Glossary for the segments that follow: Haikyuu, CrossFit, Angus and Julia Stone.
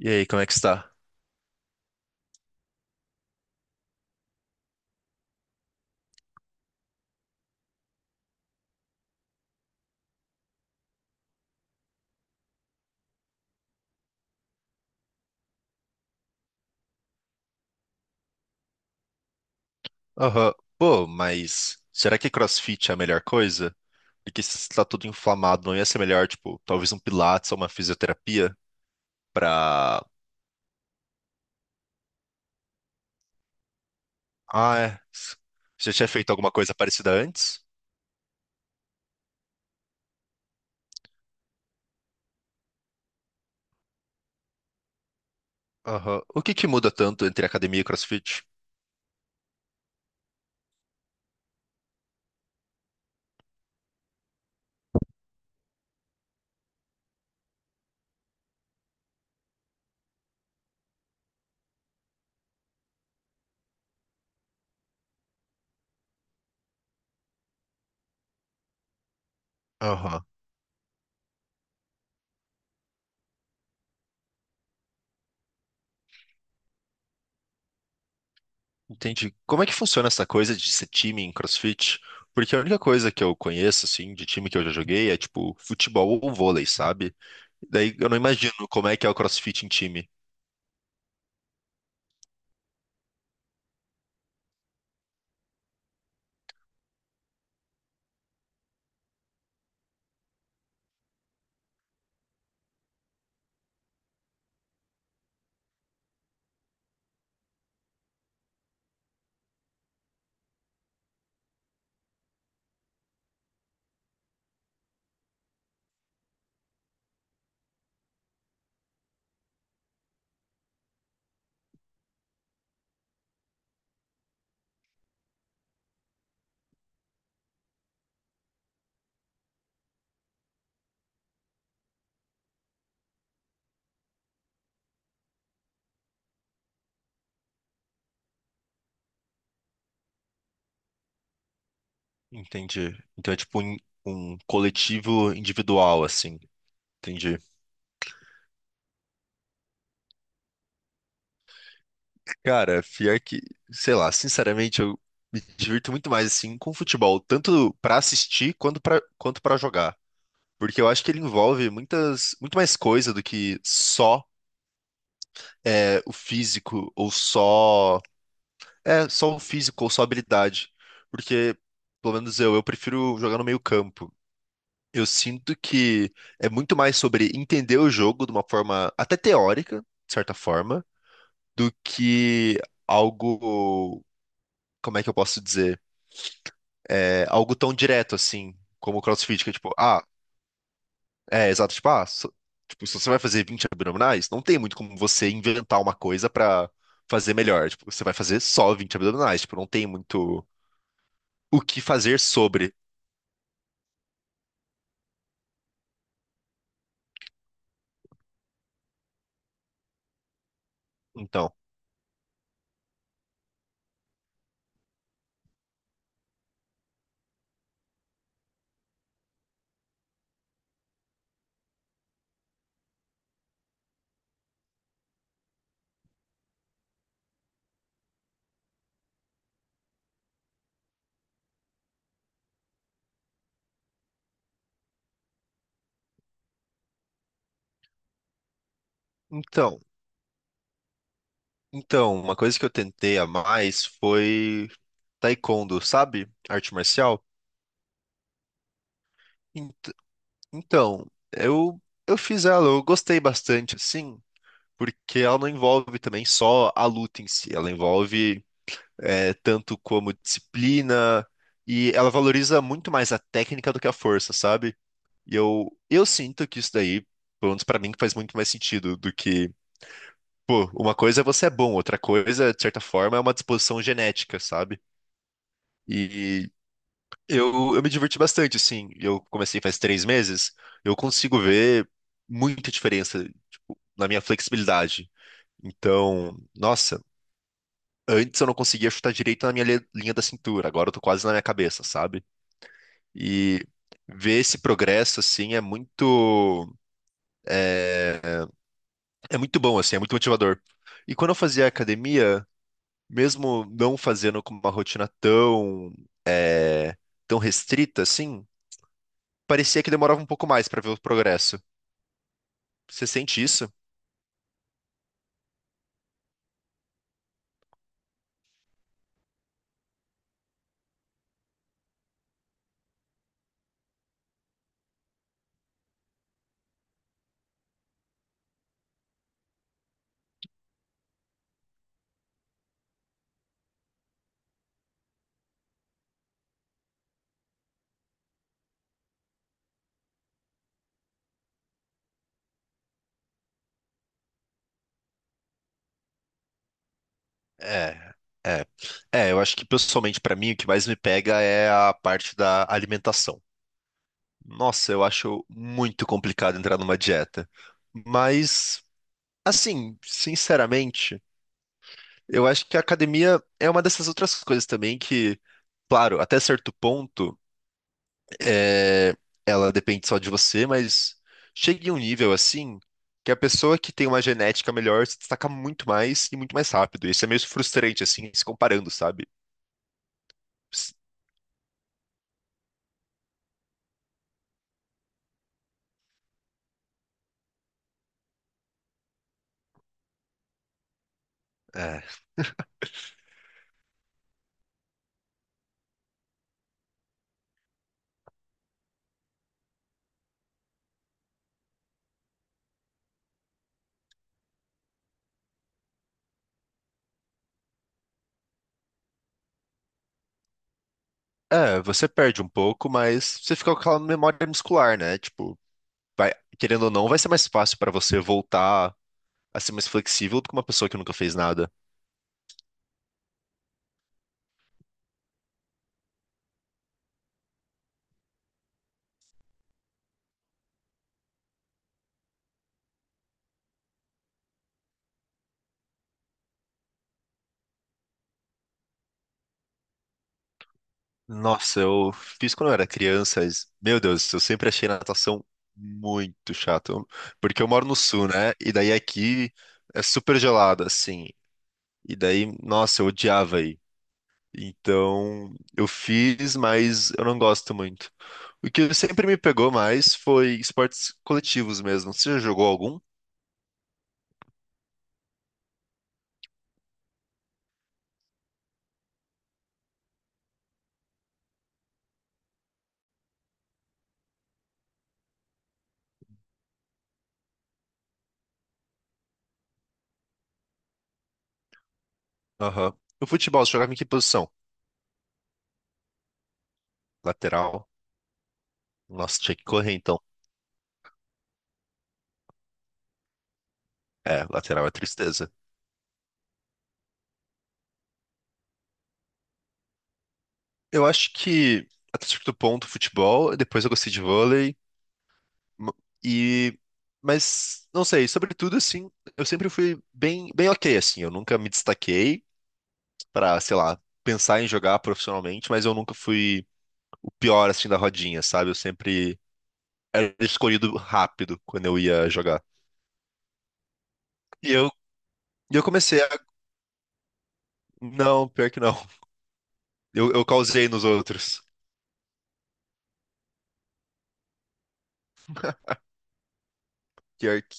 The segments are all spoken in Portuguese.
E aí, como é que está? Aham. Pô, mas será que CrossFit é a melhor coisa? Porque se está tudo inflamado, não ia ser melhor, tipo, talvez um pilates ou uma fisioterapia pra... Ah, é. Você já tinha feito alguma coisa parecida antes? Aham. O que que muda tanto entre academia e CrossFit? Aham. Entendi. Como é que funciona essa coisa de ser time em CrossFit? Porque a única coisa que eu conheço, assim, de time que eu já joguei é, tipo, futebol ou vôlei, sabe? Daí eu não imagino como é que é o CrossFit em time. Entendi. Então é tipo um coletivo individual, assim. Entendi. Cara, pior que, sei lá, sinceramente, eu me divirto muito mais assim com futebol, tanto pra assistir quanto pra quanto para jogar, porque eu acho que ele envolve muitas muito mais coisa do que só é, o físico ou só o físico ou só a habilidade, porque pelo menos eu prefiro jogar no meio campo. Eu sinto que é muito mais sobre entender o jogo de uma forma até teórica, de certa forma, do que algo, como é que eu posso dizer? É algo tão direto assim, como o CrossFit, que é tipo, ah, é exato, tipo, ah, tipo, se você vai fazer 20 abdominais, não tem muito como você inventar uma coisa pra fazer melhor. Tipo, você vai fazer só 20 abdominais, tipo, não tem muito o que fazer sobre. Então, então, então, uma coisa que eu tentei a mais foi taekwondo, sabe? Arte marcial. Ent- Então, eu eu fiz ela, eu gostei bastante, assim, porque ela não envolve também só a luta em si, ela envolve é, tanto como disciplina e ela valoriza muito mais a técnica do que a força, sabe? E eu sinto que isso daí, pelo menos pra mim, que faz muito mais sentido do que pô, uma coisa é você é bom, outra coisa, de certa forma, é uma disposição genética, sabe? E eu me diverti bastante, assim. Eu comecei faz 3 meses. Eu consigo ver muita diferença na minha flexibilidade. Então, nossa, antes eu não conseguia chutar direito na minha linha da cintura. Agora eu tô quase na minha cabeça, sabe? E ver esse progresso, assim, é é muito bom, assim, é muito motivador. E quando eu fazia academia, mesmo não fazendo com uma rotina tão restrita, assim, parecia que demorava um pouco mais pra ver o progresso. Você sente isso? É, é. É, eu acho que pessoalmente pra mim o que mais me pega é a parte da alimentação. Nossa, eu acho muito complicado entrar numa dieta. Mas, assim, sinceramente, eu acho que a academia é uma dessas outras coisas também que, claro, até certo ponto, é, ela depende só de você, mas chega em um nível assim que a pessoa que tem uma genética melhor se destaca muito mais e muito mais rápido. Isso é meio frustrante, assim, se comparando, sabe? É. É, você perde um pouco, mas você fica com aquela memória muscular, né? Tipo, vai, querendo ou não, vai ser mais fácil pra você voltar a ser mais flexível do que uma pessoa que nunca fez nada. Nossa, eu fiz quando eu era criança, mas, meu Deus, eu sempre achei natação muito chata. Eu... porque eu moro no sul, né? E daí aqui é super gelado, assim. E daí, nossa, eu odiava. Então, eu fiz, mas eu não gosto muito. O que sempre me pegou mais foi esportes coletivos mesmo. Você já jogou algum? Aham. O futebol, você jogava em que posição? Lateral? Nossa, tinha que correr então. É, lateral é tristeza. Eu acho que até certo ponto futebol, depois eu gostei de vôlei m- e mas não sei, sobretudo assim, eu sempre fui bem ok assim, eu nunca me destaquei pra, sei lá, pensar em jogar profissionalmente, mas eu nunca fui o pior assim da rodinha, sabe? Eu sempre era escolhido rápido quando eu ia jogar. E eu e eu comecei a não, pior que não. Eu causei nos outros. Pior que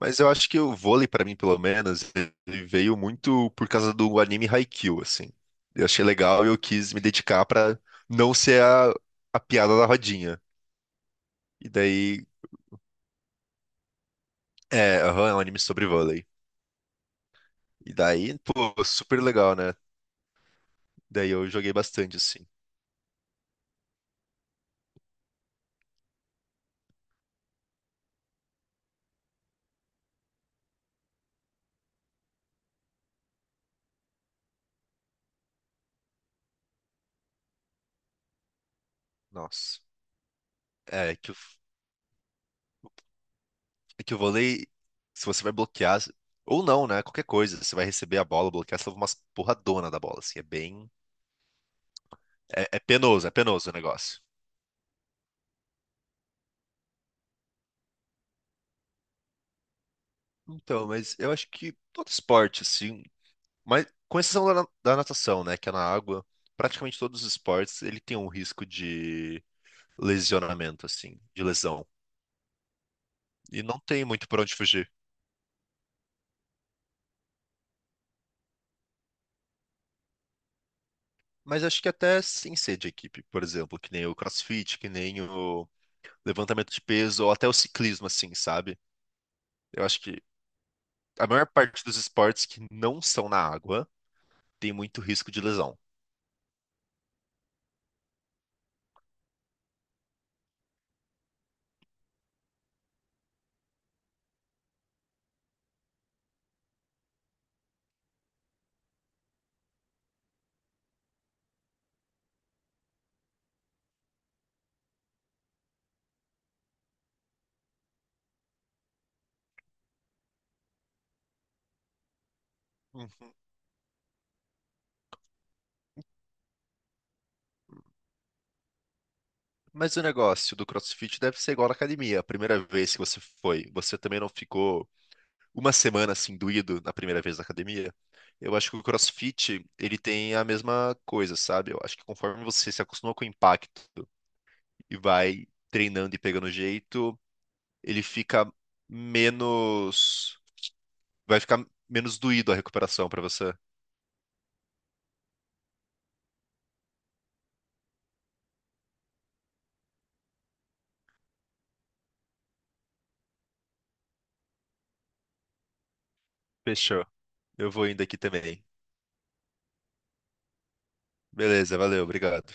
mas eu acho que o vôlei, pra mim, pelo menos, ele veio muito por causa do anime Haikyuu, assim. Eu achei legal e eu quis me dedicar pra não ser a piada da rodinha. E daí, é, aham, é um anime sobre vôlei. E daí, pô, super legal, né? Daí eu joguei bastante, assim. Nossa. É, que É que o vôlei, se você vai bloquear, ou não, né? Qualquer coisa, você vai receber a bola, bloquear, você leva umas porradona da bola, assim, é bem. É, é penoso o negócio. Então, mas eu acho que todo esporte, assim, mas com exceção da natação, né? Que é na água, praticamente todos os esportes, ele tem um risco de lesionamento, assim, de lesão. E não tem muito pra onde fugir. Mas acho que até sem ser de equipe, por exemplo, que nem o CrossFit, que nem o levantamento de peso, ou até o ciclismo, assim, sabe? Eu acho que a maior parte dos esportes que não são na água tem muito risco de lesão. Uhum. Mas o negócio do CrossFit deve ser igual na academia. A primeira vez que você foi, você também não ficou uma semana assim doído na primeira vez na academia? Eu acho que o CrossFit, ele tem a mesma coisa, sabe? Eu acho que conforme você se acostuma com o impacto e vai treinando e pegando jeito, ele fica menos. Vai ficar menos doído a recuperação pra você. Fechou. Eu vou indo aqui também. Beleza, valeu, obrigado.